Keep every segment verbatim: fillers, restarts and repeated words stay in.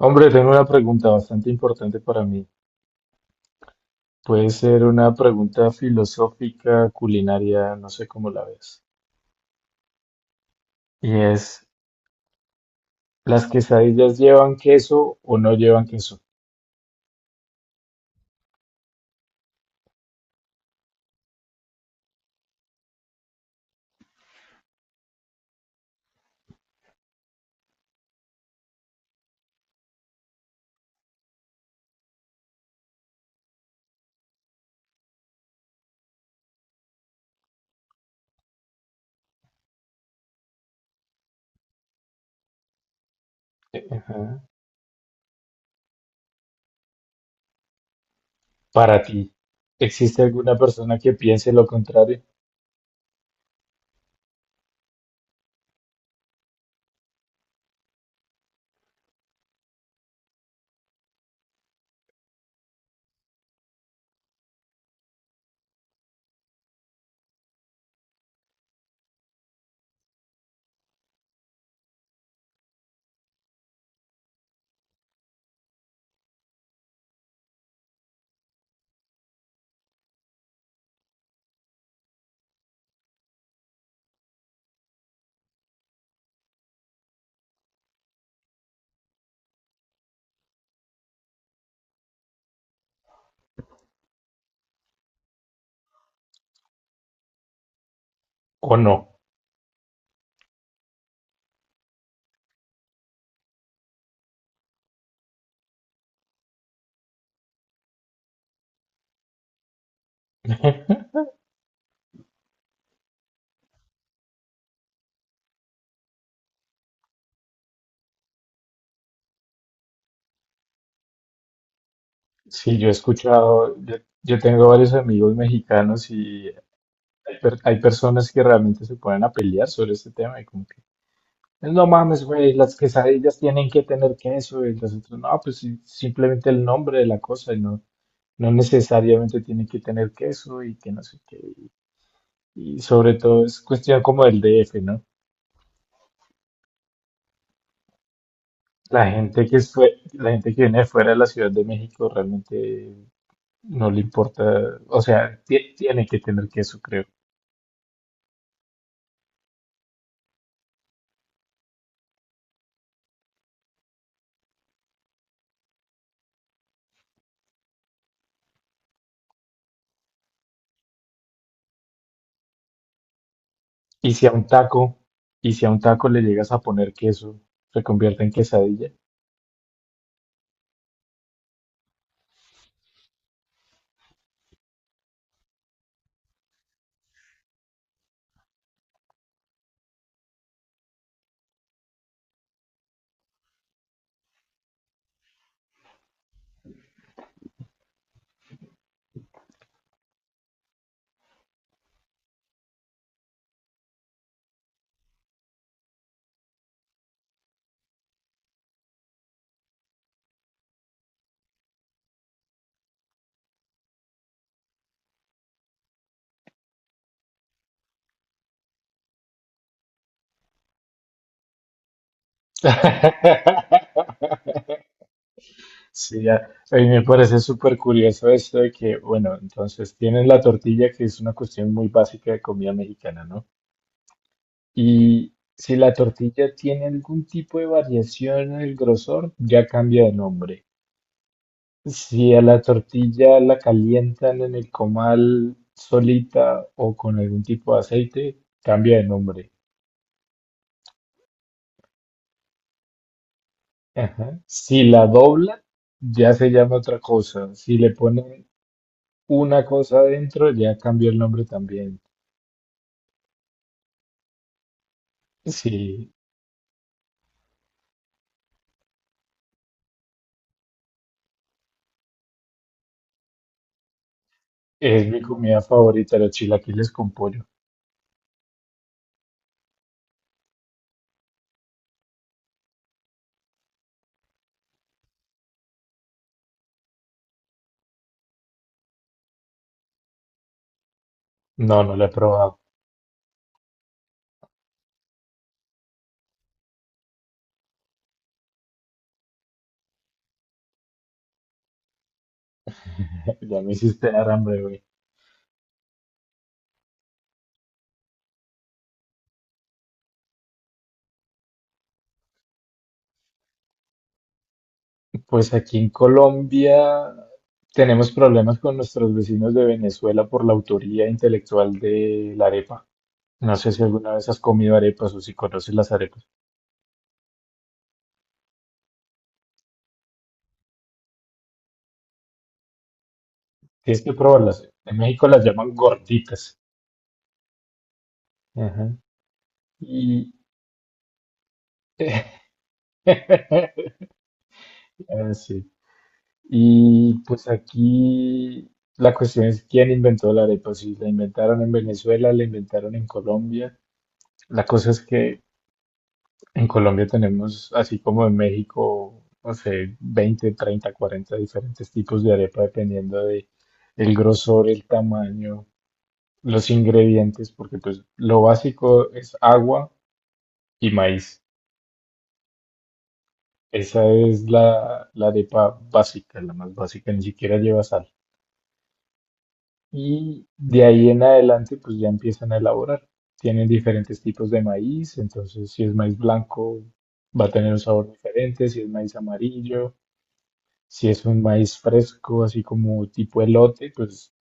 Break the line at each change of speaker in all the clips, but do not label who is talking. Hombre, tengo una pregunta bastante importante para mí. Puede ser una pregunta filosófica, culinaria, no sé cómo la ves. Y es, ¿las quesadillas llevan queso o no llevan queso? Ajá. Para ti, ¿existe alguna persona que piense lo contrario o no? Sí, yo he escuchado, yo, yo tengo varios amigos mexicanos y hay, per- hay personas que realmente se ponen a pelear sobre este tema y como que no mames, güey, las quesadillas tienen que tener queso y las otras no, pues sí, simplemente el nombre de la cosa y no, no necesariamente tiene que tener queso y que no sé qué. Y sobre todo es cuestión como del D F, ¿no? La gente que es fue, la gente que viene de fuera de la Ciudad de México realmente no le importa, o sea, ti- tiene que tener queso, creo. Y si a un taco, y si a un taco le llegas a poner queso, se convierte en quesadilla. Sí, ya. A mí me parece súper curioso esto de que, bueno, entonces tienes la tortilla, que es una cuestión muy básica de comida mexicana, ¿no? Y si la tortilla tiene algún tipo de variación en el grosor, ya cambia de nombre. Si a la tortilla la calientan en el comal solita o con algún tipo de aceite, cambia de nombre. Ajá. Si la dobla, ya se llama otra cosa. Si le ponen una cosa adentro, ya cambia el nombre también. Sí, es mi comida favorita, los chilaquiles con pollo. No, no la he probado. Ya me hiciste dar hambre, güey. Pues aquí en Colombia tenemos problemas con nuestros vecinos de Venezuela por la autoría intelectual de la arepa. No sé si alguna vez has comido arepas o si conoces las arepas. Tienes que probarlas. En México las llaman gorditas. Ajá. Y, ah, sí. Y pues aquí la cuestión es quién inventó la arepa. Si la inventaron en Venezuela, la inventaron en Colombia. La cosa es que en Colombia tenemos, así como en México, no sé, veinte, treinta, cuarenta diferentes tipos de arepa dependiendo de el grosor, el tamaño, los ingredientes, porque pues lo básico es agua y maíz. Esa es la, la arepa básica, la más básica, ni siquiera lleva sal. Y de ahí en adelante, pues ya empiezan a elaborar. Tienen diferentes tipos de maíz, entonces si es maíz blanco va a tener un sabor diferente, si es maíz amarillo, si es un maíz fresco, así como tipo elote, pues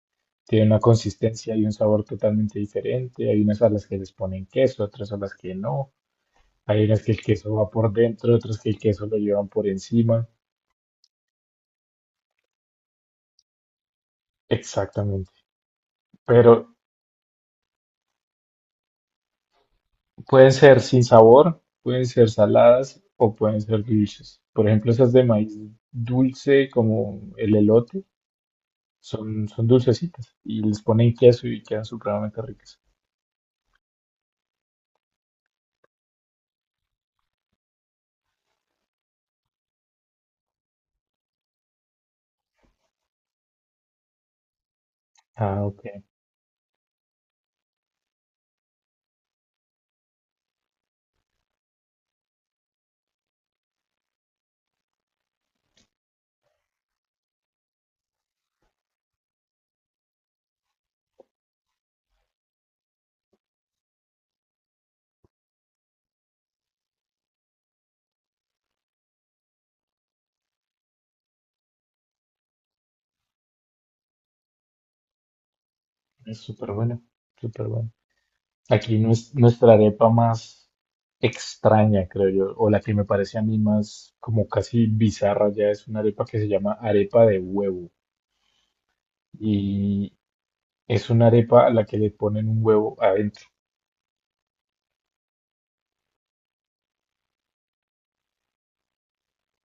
tiene una consistencia y un sabor totalmente diferente. Hay unas a las que les ponen queso, otras a las que no. Hay unas que el queso va por dentro, otras que el queso lo llevan por encima. Exactamente. Pero pueden ser sin sabor, pueden ser saladas o pueden ser dulces. Por ejemplo, esas de maíz dulce como el elote son, son dulcecitas y les ponen queso y quedan supremamente ricas. Ah, ok. Es súper bueno, súper bueno. Aquí nues- nuestra arepa más extraña, creo yo, o la que me parece a mí más como casi bizarra ya es una arepa que se llama arepa de huevo y es una arepa a la que le ponen un huevo adentro.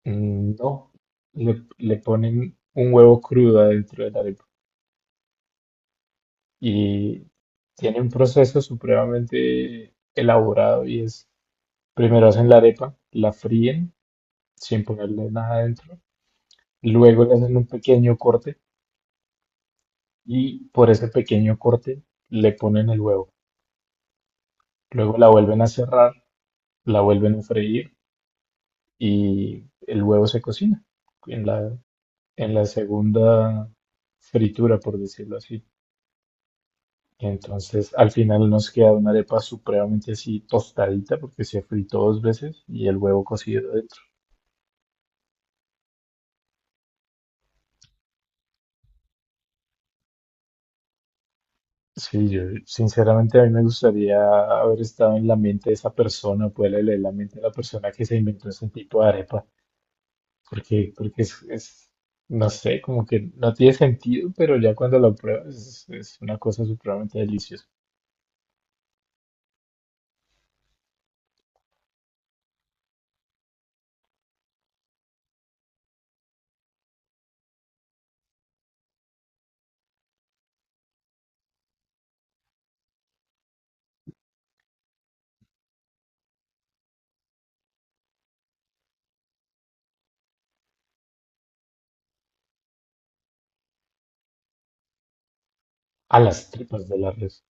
Mm, no, le, le ponen un huevo crudo adentro de la arepa y tiene un proceso supremamente elaborado y es, primero hacen la arepa, la fríen sin ponerle nada adentro, luego le hacen un pequeño corte y por ese pequeño corte le ponen el huevo, luego la vuelven a cerrar, la vuelven a freír y el huevo se cocina en la, en la segunda fritura, por decirlo así. Entonces, al final nos queda una arepa supremamente así tostadita porque se fritó dos veces y el huevo cocido dentro. Sí, yo sinceramente a mí me gustaría haber estado en la mente de esa persona, poderle leer la mente a la persona que se inventó ese tipo de arepa, porque, porque es, es, no sé, como que no tiene sentido, pero ya cuando lo pruebas es, es una cosa supremamente deliciosa. A las tripas de la res.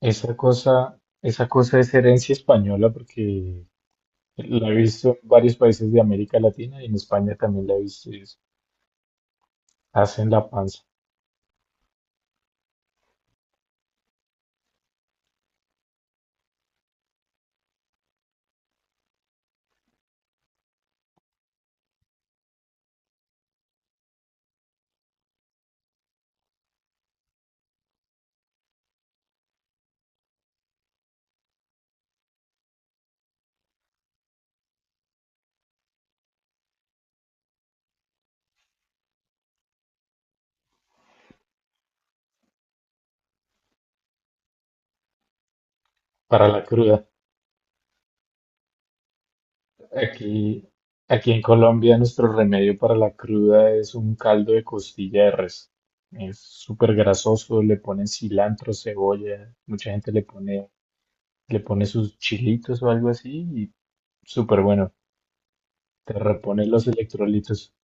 Esa cosa, Esa cosa es herencia española porque la he visto en varios países de América Latina y en España también la he visto. Y es- hacen la panza para la cruda. Aquí, Aquí en Colombia nuestro remedio para la cruda es un caldo de costilla de res. Es súper grasoso, le ponen cilantro, cebolla, mucha gente le pone, le pone sus chilitos o algo así y súper bueno. Te repone los electrolitos.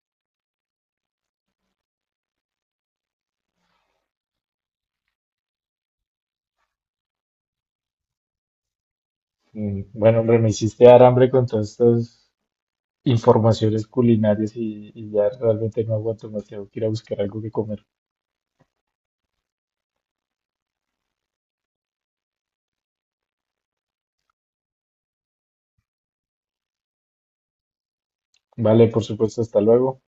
Mm, bueno, hombre, me hiciste dar hambre con todos estos informaciones culinarias y, y ya realmente no aguanto más, tengo que ir a buscar algo que comer. Vale, por supuesto, hasta luego.